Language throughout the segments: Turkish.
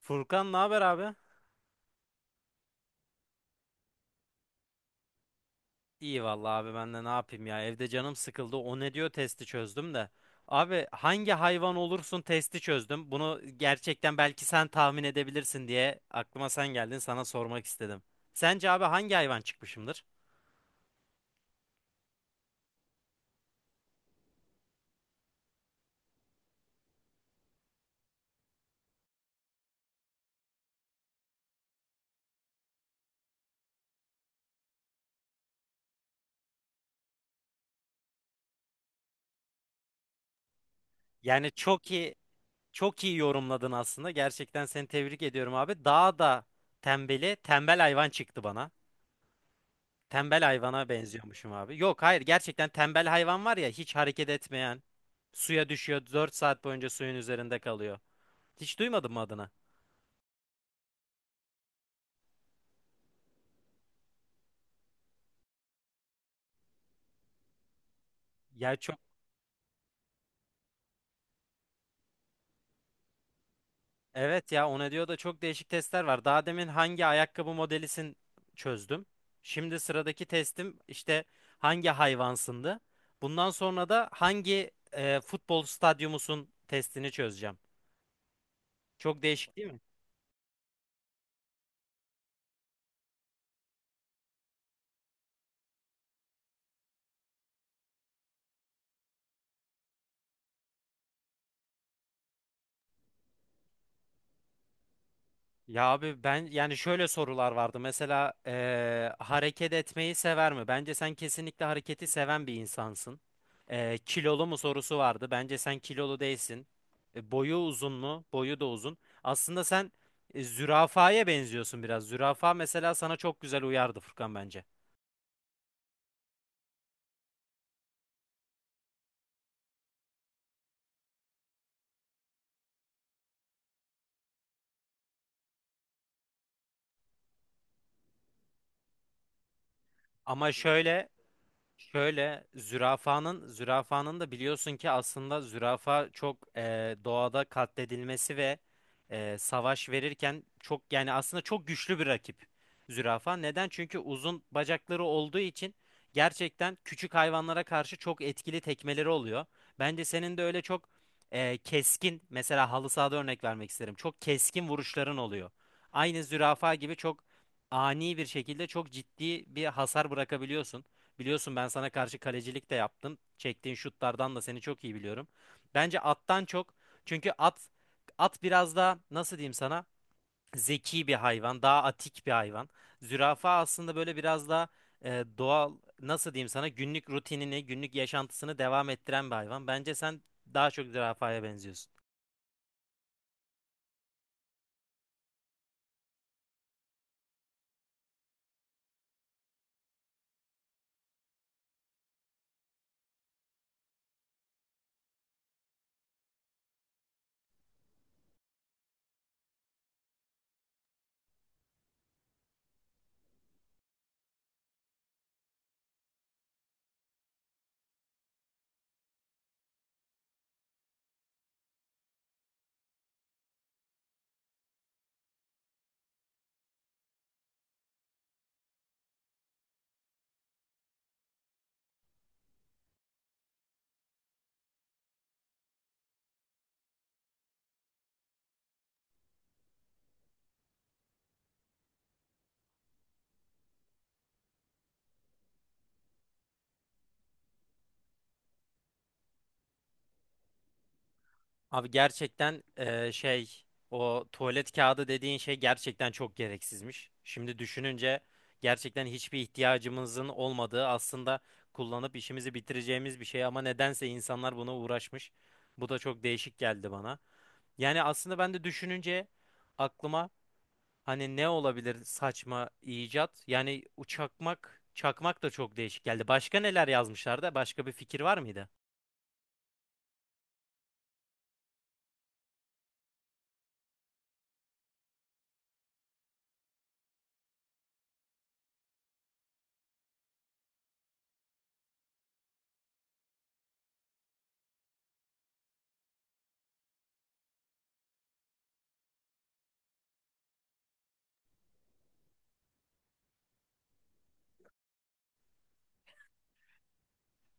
Furkan ne haber abi? İyi vallahi abi ben de ne yapayım ya, evde canım sıkıldı, o ne diyor, testi çözdüm de. Abi hangi hayvan olursun testi çözdüm. Bunu gerçekten belki sen tahmin edebilirsin diye aklıma sen geldin, sana sormak istedim. Sence abi hangi hayvan çıkmışımdır? Yani çok iyi yorumladın aslında. Gerçekten seni tebrik ediyorum abi. Daha da tembeli, tembel hayvan çıktı bana. Tembel hayvana benziyormuşum abi. Yok hayır, gerçekten tembel hayvan var ya, hiç hareket etmeyen. Suya düşüyor, 4 saat boyunca suyun üzerinde kalıyor. Hiç duymadın mı adını? Ya çok evet ya, ona diyor da çok değişik testler var. Daha demin hangi ayakkabı modelisin çözdüm. Şimdi sıradaki testim işte hangi hayvansındı. Bundan sonra da hangi futbol stadyumusun testini çözeceğim. Çok değişik değil mi? Ya abi ben yani şöyle sorular vardı. Mesela hareket etmeyi sever mi? Bence sen kesinlikle hareketi seven bir insansın. Kilolu mu sorusu vardı. Bence sen kilolu değilsin. Boyu uzun mu? Boyu da uzun. Aslında sen zürafaya benziyorsun biraz. Zürafa mesela sana çok güzel uyardı Furkan bence. Ama şöyle, şöyle zürafanın da biliyorsun ki aslında zürafa çok doğada katledilmesi ve savaş verirken çok, yani aslında çok güçlü bir rakip zürafa. Neden? Çünkü uzun bacakları olduğu için gerçekten küçük hayvanlara karşı çok etkili tekmeleri oluyor. Bence senin de öyle çok keskin, mesela halı sahada örnek vermek isterim. Çok keskin vuruşların oluyor. Aynı zürafa gibi çok ani bir şekilde çok ciddi bir hasar bırakabiliyorsun. Biliyorsun ben sana karşı kalecilik de yaptım. Çektiğin şutlardan da seni çok iyi biliyorum. Bence attan çok. Çünkü at biraz daha, nasıl diyeyim sana, zeki bir hayvan, daha atik bir hayvan. Zürafa aslında böyle biraz daha doğal, nasıl diyeyim sana, günlük rutinini, günlük yaşantısını devam ettiren bir hayvan. Bence sen daha çok zürafaya benziyorsun. Abi gerçekten o tuvalet kağıdı dediğin şey gerçekten çok gereksizmiş. Şimdi düşününce gerçekten hiçbir ihtiyacımızın olmadığı, aslında kullanıp işimizi bitireceğimiz bir şey, ama nedense insanlar buna uğraşmış. Bu da çok değişik geldi bana. Yani aslında ben de düşününce aklıma hani ne olabilir saçma icat? Yani uçakmak, çakmak da çok değişik geldi. Başka neler yazmışlar, da başka bir fikir var mıydı?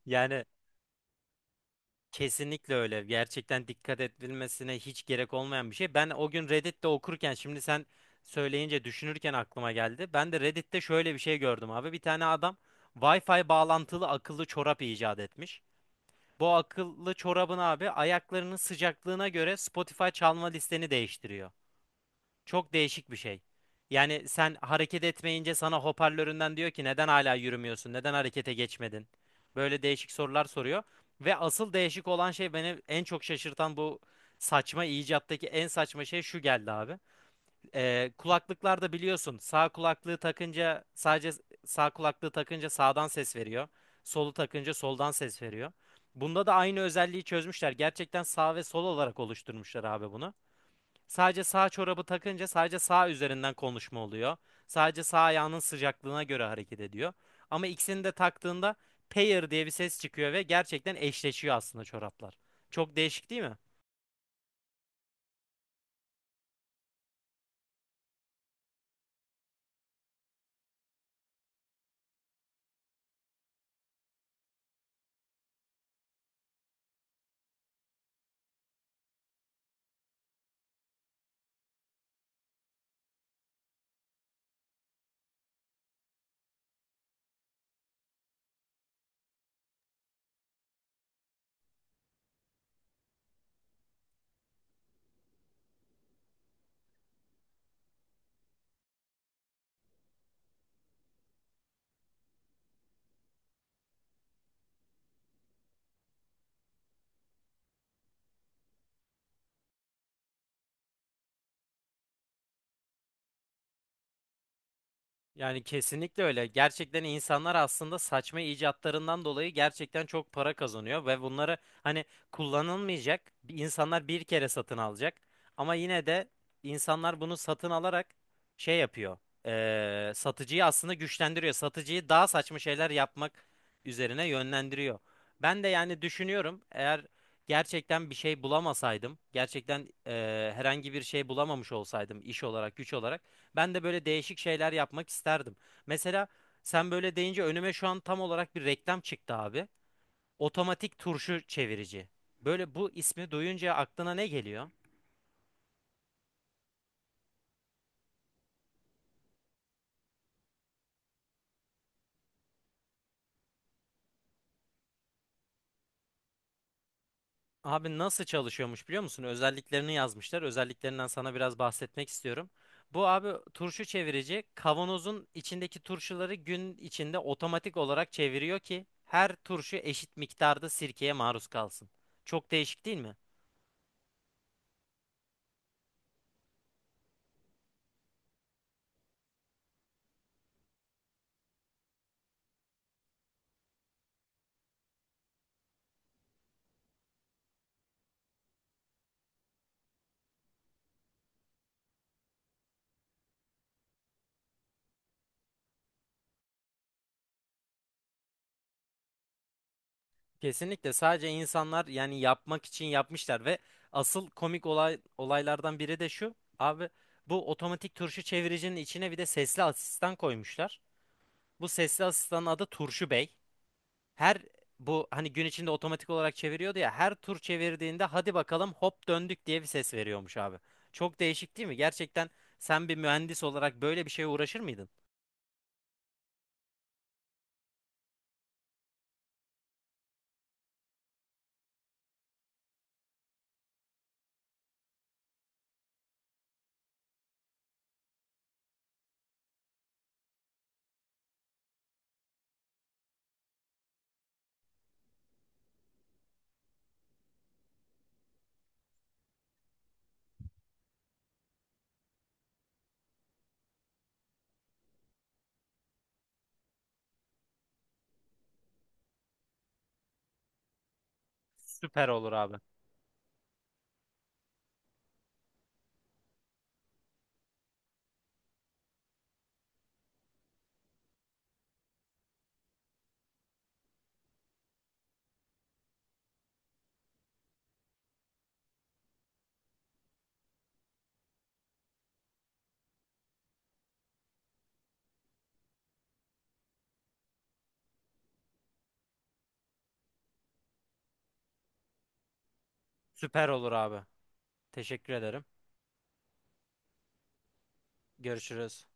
Yani kesinlikle öyle. Gerçekten dikkat edilmesine hiç gerek olmayan bir şey. Ben o gün Reddit'te okurken, şimdi sen söyleyince düşünürken aklıma geldi. Ben de Reddit'te şöyle bir şey gördüm abi. Bir tane adam Wi-Fi bağlantılı akıllı çorap icat etmiş. Bu akıllı çorabın abi ayaklarının sıcaklığına göre Spotify çalma listeni değiştiriyor. Çok değişik bir şey. Yani sen hareket etmeyince sana hoparlöründen diyor ki, neden hala yürümüyorsun? Neden harekete geçmedin? Böyle değişik sorular soruyor. Ve asıl değişik olan şey, beni en çok şaşırtan, bu saçma icattaki en saçma şey şu geldi abi. Kulaklıklarda biliyorsun, sağ kulaklığı takınca sağdan ses veriyor. Solu takınca soldan ses veriyor. Bunda da aynı özelliği çözmüşler. Gerçekten sağ ve sol olarak oluşturmuşlar abi bunu. Sadece sağ çorabı takınca sadece sağ üzerinden konuşma oluyor. Sadece sağ ayağının sıcaklığına göre hareket ediyor. Ama ikisini de taktığında pair diye bir ses çıkıyor ve gerçekten eşleşiyor aslında çoraplar. Çok değişik değil mi? Yani kesinlikle öyle. Gerçekten insanlar aslında saçma icatlarından dolayı gerçekten çok para kazanıyor ve bunları, hani, kullanılmayacak bir- insanlar bir kere satın alacak. Ama yine de insanlar bunu satın alarak şey yapıyor. Satıcıyı aslında güçlendiriyor. Satıcıyı daha saçma şeyler yapmak üzerine yönlendiriyor. Ben de yani düşünüyorum, eğer gerçekten bir şey bulamasaydım, gerçekten herhangi bir şey bulamamış olsaydım iş olarak, güç olarak, ben de böyle değişik şeyler yapmak isterdim. Mesela sen böyle deyince önüme şu an tam olarak bir reklam çıktı abi. Otomatik turşu çevirici. Böyle bu ismi duyunca aklına ne geliyor? Abi nasıl çalışıyormuş biliyor musun? Özelliklerini yazmışlar. Özelliklerinden sana biraz bahsetmek istiyorum. Bu abi turşu çevirici kavanozun içindeki turşuları gün içinde otomatik olarak çeviriyor ki her turşu eşit miktarda sirkeye maruz kalsın. Çok değişik değil mi? Kesinlikle, sadece insanlar yani yapmak için yapmışlar ve asıl komik olay, olaylardan biri de şu. Abi bu otomatik turşu çeviricinin içine bir de sesli asistan koymuşlar. Bu sesli asistanın adı Turşu Bey. Her, bu hani gün içinde otomatik olarak çeviriyordu ya, her tur çevirdiğinde hadi bakalım hop döndük diye bir ses veriyormuş abi. Çok değişik değil mi? Gerçekten sen bir mühendis olarak böyle bir şeye uğraşır mıydın? Süper olur abi. Süper olur abi. Teşekkür ederim. Görüşürüz.